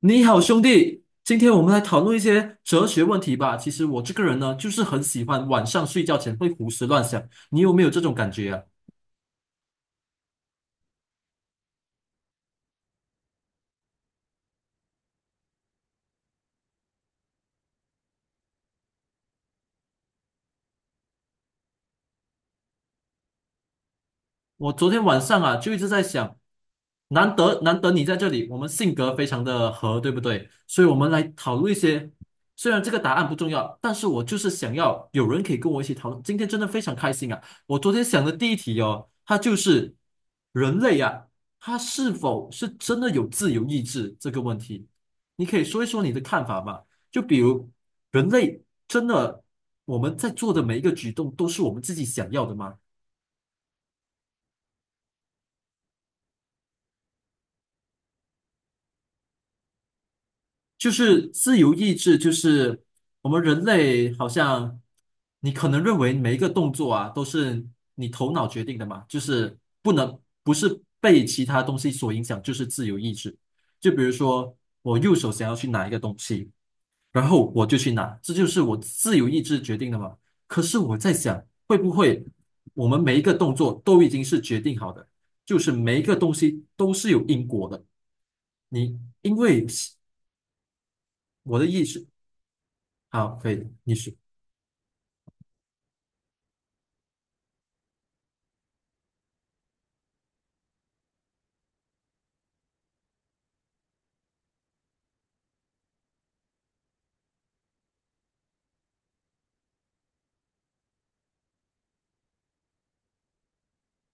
你好，兄弟，今天我们来讨论一些哲学问题吧。其实我这个人呢，就是很喜欢晚上睡觉前会胡思乱想。你有没有这种感觉啊？我昨天晚上啊，就一直在想，难得你在这里，我们性格非常的合，对不对？所以我们来讨论一些，虽然这个答案不重要，但是我就是想要有人可以跟我一起讨论。今天真的非常开心啊！我昨天想的第一题哦，它就是人类啊，它是否是真的有自由意志这个问题，你可以说一说你的看法吗？就比如人类真的我们在做的每一个举动都是我们自己想要的吗？就是自由意志，就是我们人类好像，你可能认为每一个动作啊都是你头脑决定的嘛，就是不能不是被其他东西所影响，就是自由意志。就比如说我右手想要去拿一个东西，然后我就去拿，这就是我自由意志决定的嘛。可是我在想，会不会我们每一个动作都已经是决定好的，就是每一个东西都是有因果的，你因为。我的意识好，可以，你是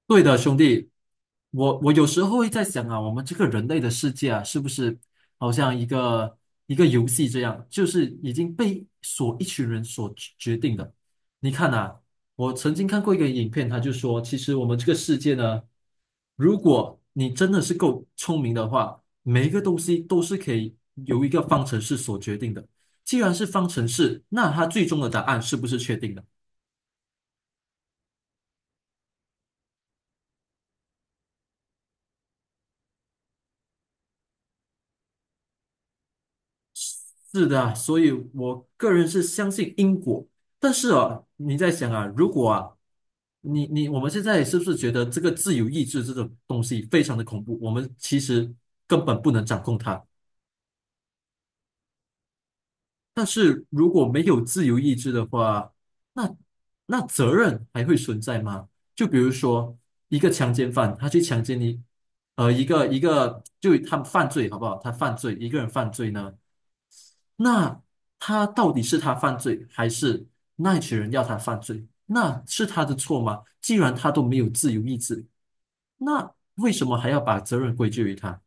对的，兄弟。我有时候会在想啊，我们这个人类的世界啊，是不是好像一个一个游戏这样，就是已经被所一群人所决定的。你看啊，我曾经看过一个影片，他就说，其实我们这个世界呢，如果你真的是够聪明的话，每一个东西都是可以由一个方程式所决定的。既然是方程式，那它最终的答案是不是确定的？是的啊，所以我个人是相信因果，但是啊，你在想啊，如果啊，你我们现在是不是觉得这个自由意志这种东西非常的恐怖？我们其实根本不能掌控它。但是如果没有自由意志的话，那那责任还会存在吗？就比如说一个强奸犯，他去强奸你，一个一个就他犯罪好不好？他犯罪，一个人犯罪呢？那他到底是他犯罪，还是那一群人要他犯罪？那是他的错吗？既然他都没有自由意志，那为什么还要把责任归咎于他？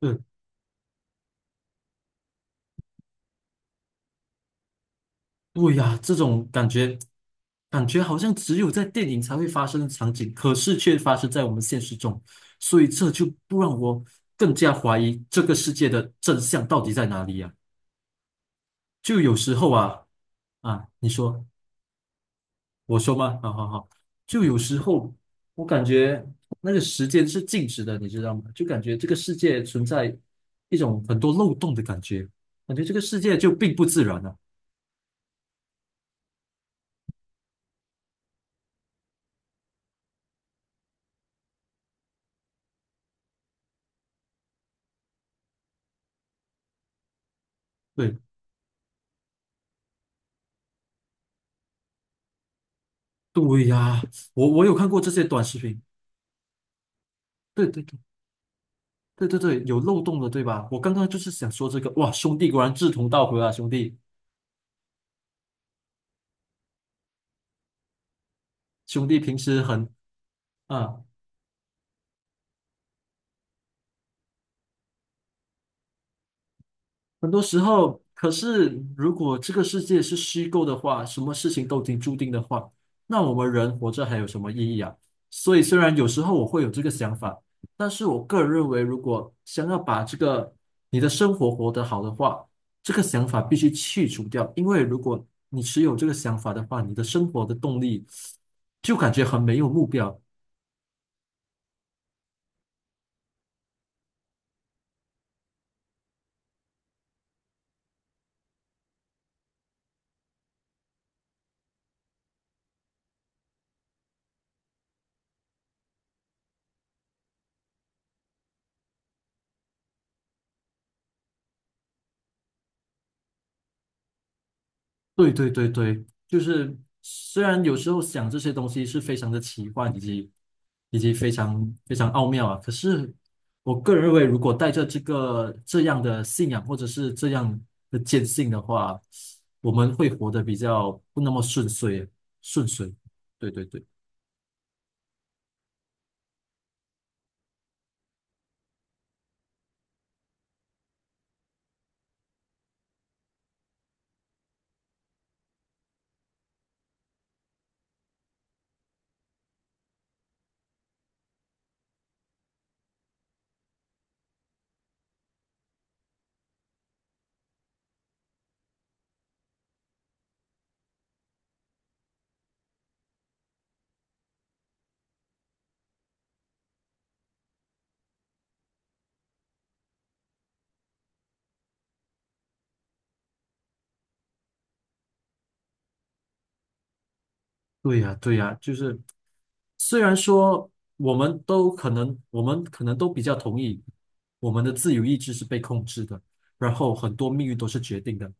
嗯，对呀，这种感觉，感觉好像只有在电影才会发生的场景，可是却发生在我们现实中，所以这就不让我更加怀疑这个世界的真相到底在哪里呀？就有时候啊啊，你说。我说吗？好好好，就有时候我感觉那个时间是静止的，你知道吗？就感觉这个世界存在一种很多漏洞的感觉，感觉这个世界就并不自然了。对对哎呀，我有看过这些短视频，对对对对对对，有漏洞的，对吧？我刚刚就是想说这个，哇，兄弟果然志同道合啊，兄弟兄弟平时很啊。很多时候，可是如果这个世界是虚构的话，什么事情都已经注定的话，那我们人活着还有什么意义啊？所以，虽然有时候我会有这个想法，但是我个人认为，如果想要把这个你的生活活得好的话，这个想法必须去除掉，因为如果你持有这个想法的话，你的生活的动力就感觉很没有目标。对对对对，就是虽然有时候想这些东西是非常的奇幻，以及非常非常奥妙啊，可是我个人认为，如果带着这个这样的信仰或者是这样的坚信的话，我们会活得比较不那么顺遂，顺遂。对对对。对呀，对呀，就是虽然说我们可能都比较同意，我们的自由意志是被控制的，然后很多命运都是决定的。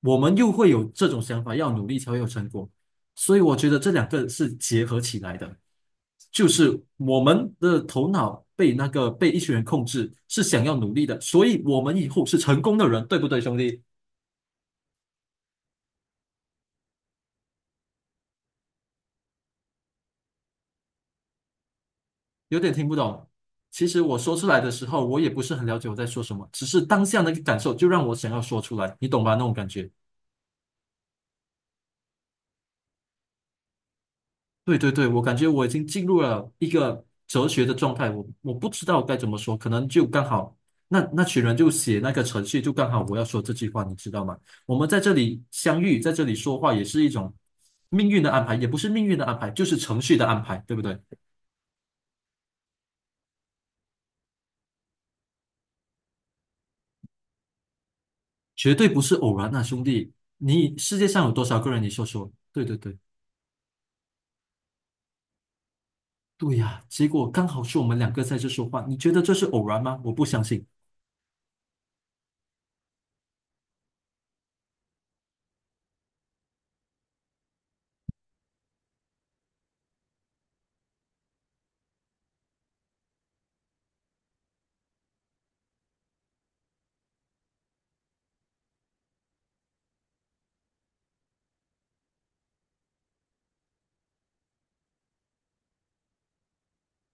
我们又会有这种想法，要努力才会有成果。所以我觉得这两个是结合起来的，就是我们的头脑被那个被一群人控制，是想要努力的，所以我们以后是成功的人，对不对，兄弟？有点听不懂。其实我说出来的时候，我也不是很了解我在说什么，只是当下那个感受就让我想要说出来，你懂吧？那种感觉。对对对，我感觉我已经进入了一个哲学的状态，我不知道该怎么说，可能就刚好那群人就写那个程序，就刚好我要说这句话，你知道吗？我们在这里相遇，在这里说话，也是一种命运的安排，也不是命运的安排，就是程序的安排，对不对？绝对不是偶然啊，兄弟！你世界上有多少个人？你说说。对对对，对呀，结果刚好是我们两个在这说话，你觉得这是偶然吗？我不相信。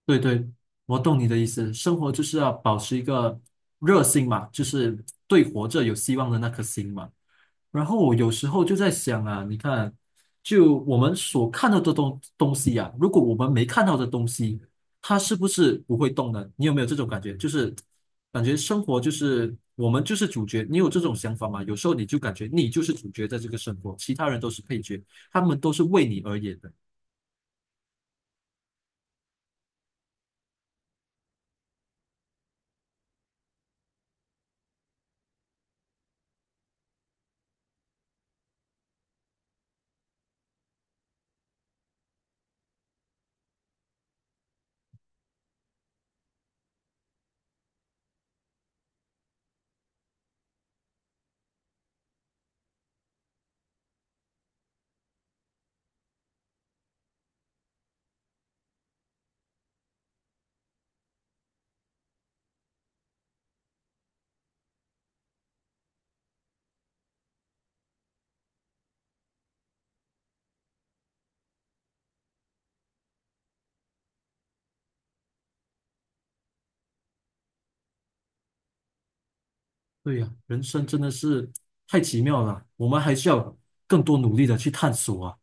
对对，我懂你的意思。生活就是要保持一个热心嘛，就是对活着有希望的那颗心嘛。然后我有时候就在想啊，你看，就我们所看到的东西啊，如果我们没看到的东西，它是不是不会动呢？你有没有这种感觉？就是感觉生活就是我们就是主角。你有这种想法吗？有时候你就感觉你就是主角，在这个生活，其他人都是配角，他们都是为你而演的。对呀，人生真的是太奇妙了，我们还需要更多努力的去探索啊。